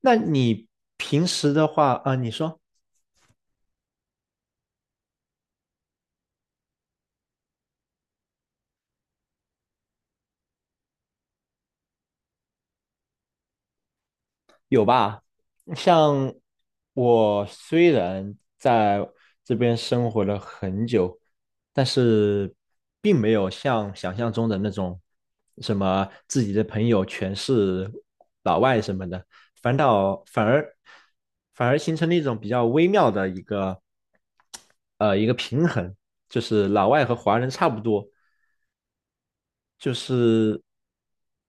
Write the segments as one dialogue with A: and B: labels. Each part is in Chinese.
A: 那你平时的话啊，你说有吧？像我虽然在这边生活了很久，但是并没有像想象中的那种什么自己的朋友全是老外什么的，反倒反而反而形成了一种比较微妙的一个平衡，就是老外和华人差不多，就是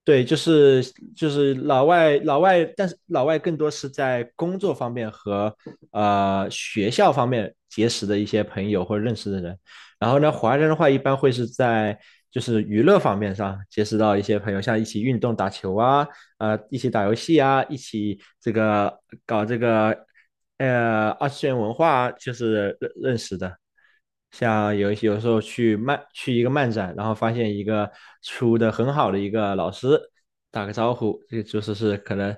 A: 对，就是老外，但是老外更多是在工作方面和学校方面结识的一些朋友或者认识的人。然后呢，华人的话一般会是在娱乐方面上结识到一些朋友，像一起运动、打球啊，一起打游戏啊，一起这个搞这个二次元文化啊就是认识的。像有一些有时候去一个漫展，然后发现一个出的很好的一个老师，打个招呼，这个就是可能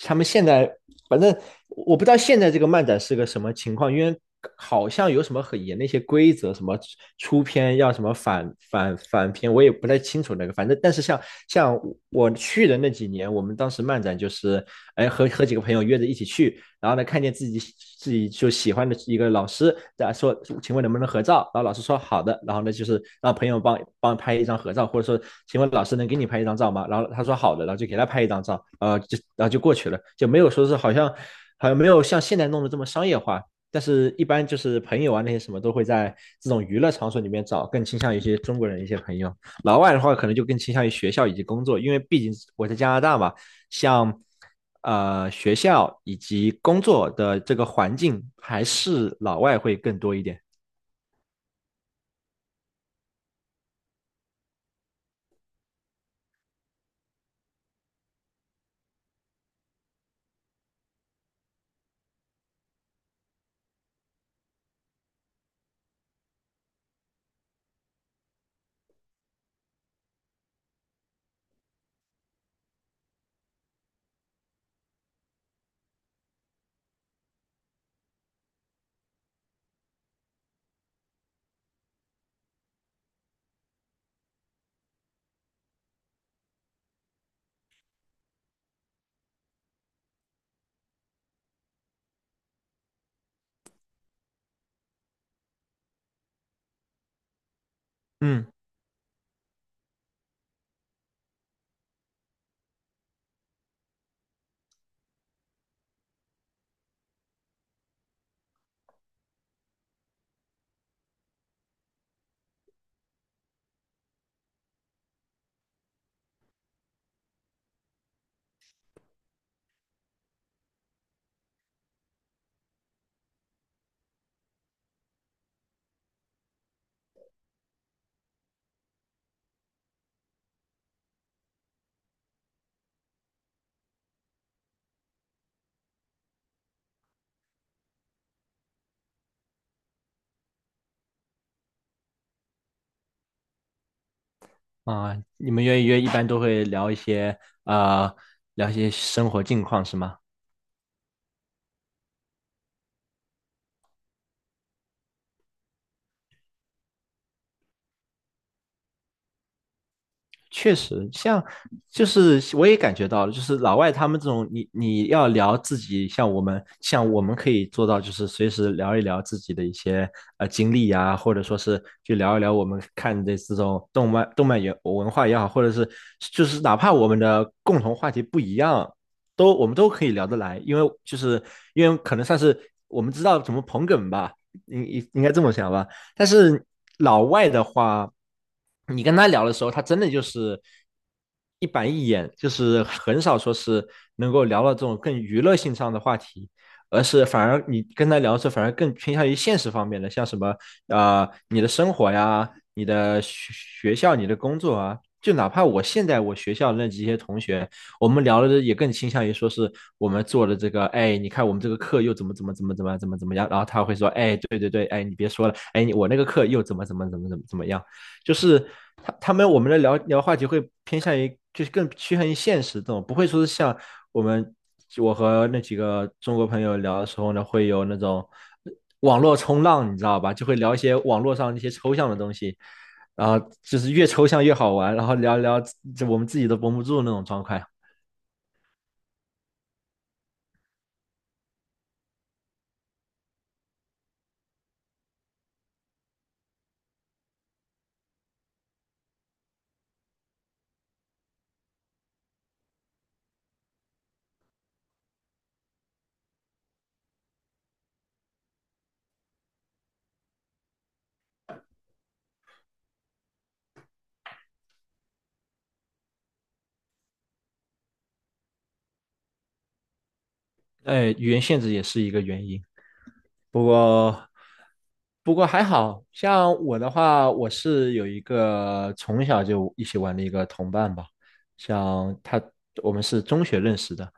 A: 他们现在反正我不知道现在这个漫展是个什么情况，因为好像有什么很严的一些规则，什么出片要什么反片，我也不太清楚那个，反正但是像像我去的那几年，我们当时漫展就是哎和几个朋友约着一起去。然后呢，看见自己就喜欢的一个老师，在说，请问能不能合照？然后老师说好的，然后呢，就是让朋友帮拍一张合照，或者说，请问老师能给你拍一张照吗？然后他说好的，然后就给他拍一张照，就然后就过去了，就没有说是好像没有像现在弄得这么商业化。但是，一般就是朋友啊，那些什么都会在这种娱乐场所里面找，更倾向于一些中国人一些朋友。老外的话，可能就更倾向于学校以及工作，因为毕竟我在加拿大嘛，像学校以及工作的这个环境，还是老外会更多一点。嗯你们约一约一般都会聊一些呃生活近况是吗？确实，像就是我也感觉到了，就是老外他们这种，你要聊自己，像我们可以做到，就是随时聊一聊自己的一些经历呀、或者说是去聊一聊我们看的这种动漫也文化也好，或者是就是哪怕我们的共同话题不一样，都我们都可以聊得来，因为可能算是我们知道怎么捧哏吧，应该这么想吧。但是老外的话，你跟他聊的时候，他真的就是一板一眼，就是很少说是能够聊到这种更娱乐性上的话题，而是反而你跟他聊的时候，反而更偏向于现实方面的，像什么你的生活呀、你的学校、你的工作啊，就哪怕我现在我学校那几些同学。我们聊的也更倾向于说是我们做的这个，哎，你看我们这个课又怎么怎么怎么怎么怎么怎么样，然后他会说，哎，对对对，哎，你别说了，哎，我那个课又怎么怎么怎么怎么怎么样，就是他们我们的话题会偏向于就是更趋向于现实这种，不会说是像我们我和那几个中国朋友聊的时候呢，会有那种。网络冲浪，你知道吧？就会聊一些网络上那些抽象的东西，然后就是越抽象越好玩，然后聊聊这我们自己都绷不住那种状态。哎，语言限制也是一个原因。不过，还好像我的话，我是有一个从小就一起玩的一个同伴吧，像他，我们是中学认识的，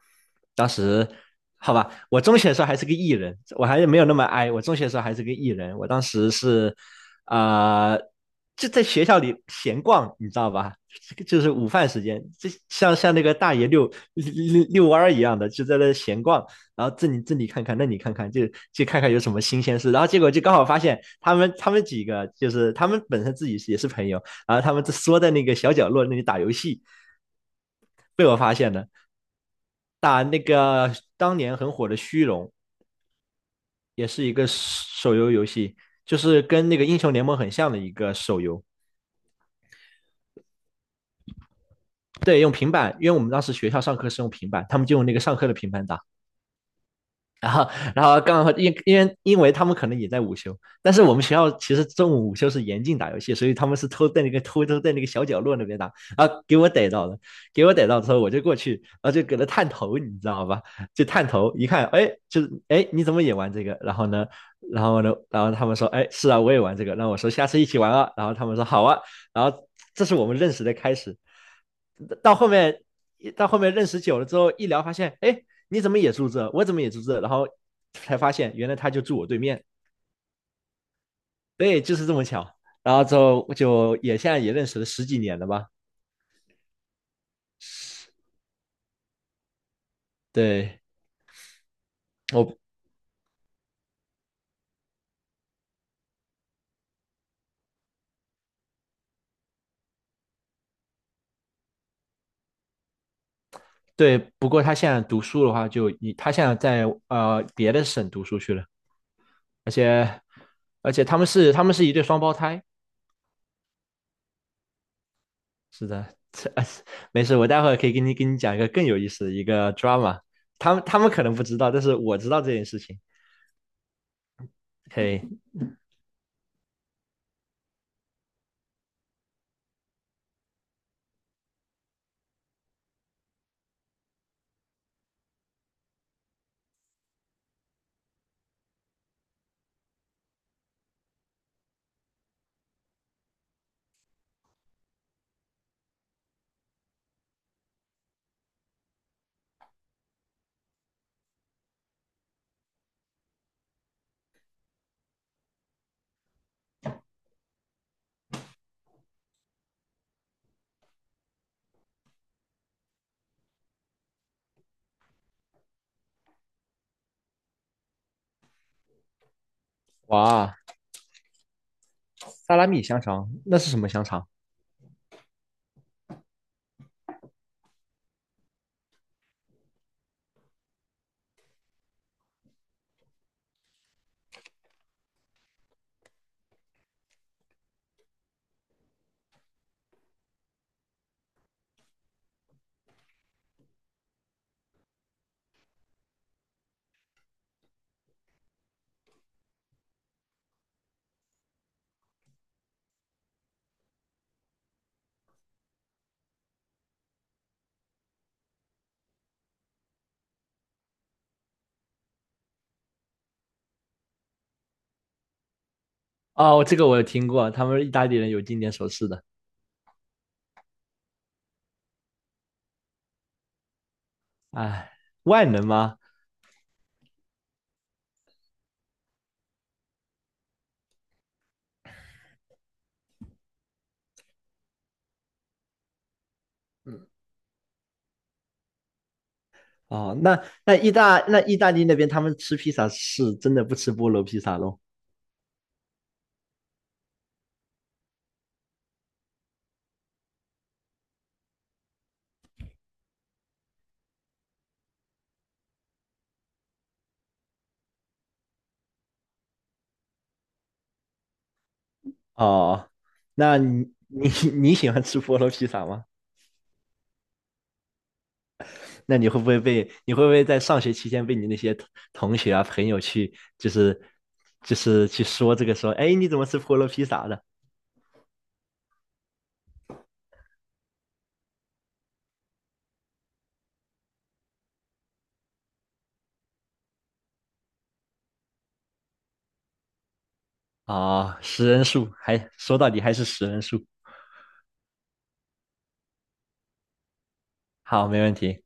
A: 当时好吧，我中学的时候还是个艺人，我还是没有那么哀。我中学的时候还是个艺人，我当时是啊、呃就在学校里闲逛，你知道吧？就是午饭时间，就像那个大爷遛遛弯儿一样的，就在那闲逛，然后这里看看，那里看看，就看看有什么新鲜事。然后结果就刚好发现他们几个就是他们本身自己也是朋友，然后他们就缩在那个小角落那里打游戏，被我发现了。打那个当年很火的虚荣，也是一个手游游戏，就是跟那个英雄联盟很像的一个手游。对，用平板，因为我们当时学校上课是用平板，他们就用那个上课的平板打。然后刚好因为他们可能也在午休，但是我们学校其实中午午休是严禁打游戏，所以他们是偷在那个偷偷在那个小角落那边打，然后给我逮到了，给我逮到之后我就过去，然后就给他探头，你知道吧？就探头一看，哎，就是哎你怎么也玩这个？然后呢，然后他们说，哎是啊我也玩这个，那我说下次一起玩啊，然后他们说好啊，然后这是我们认识的开始，到后面。到后面认识久了之后，一聊发现，哎，你怎么也住这？我怎么也住这？然后才发现原来他就住我对面，对，就是这么巧。然后之后就也现在也认识了十几年了吧？对，我对，不过他现在读书的话就，以他现在在别的省读书去了，而且他们是一对双胞胎，是的，这没事，我待会儿可以给你讲一个更有意思的一个 drama，他们可能不知道，但是我知道这件事情。嘿，哇，萨拉米香肠，那是什么香肠？哦，这个我有听过，他们意大利人有经典手势的。哎，万能吗？嗯，哦，那意大利那边他们吃披萨是真的不吃菠萝披萨咯？哦，那你喜欢吃菠萝披萨吗？那你会不会在上学期间被你那些同学啊朋友去就是去说这个说，哎，你怎么吃菠萝披萨的？哦，食人树，还说到底还是食人树。好，没问题。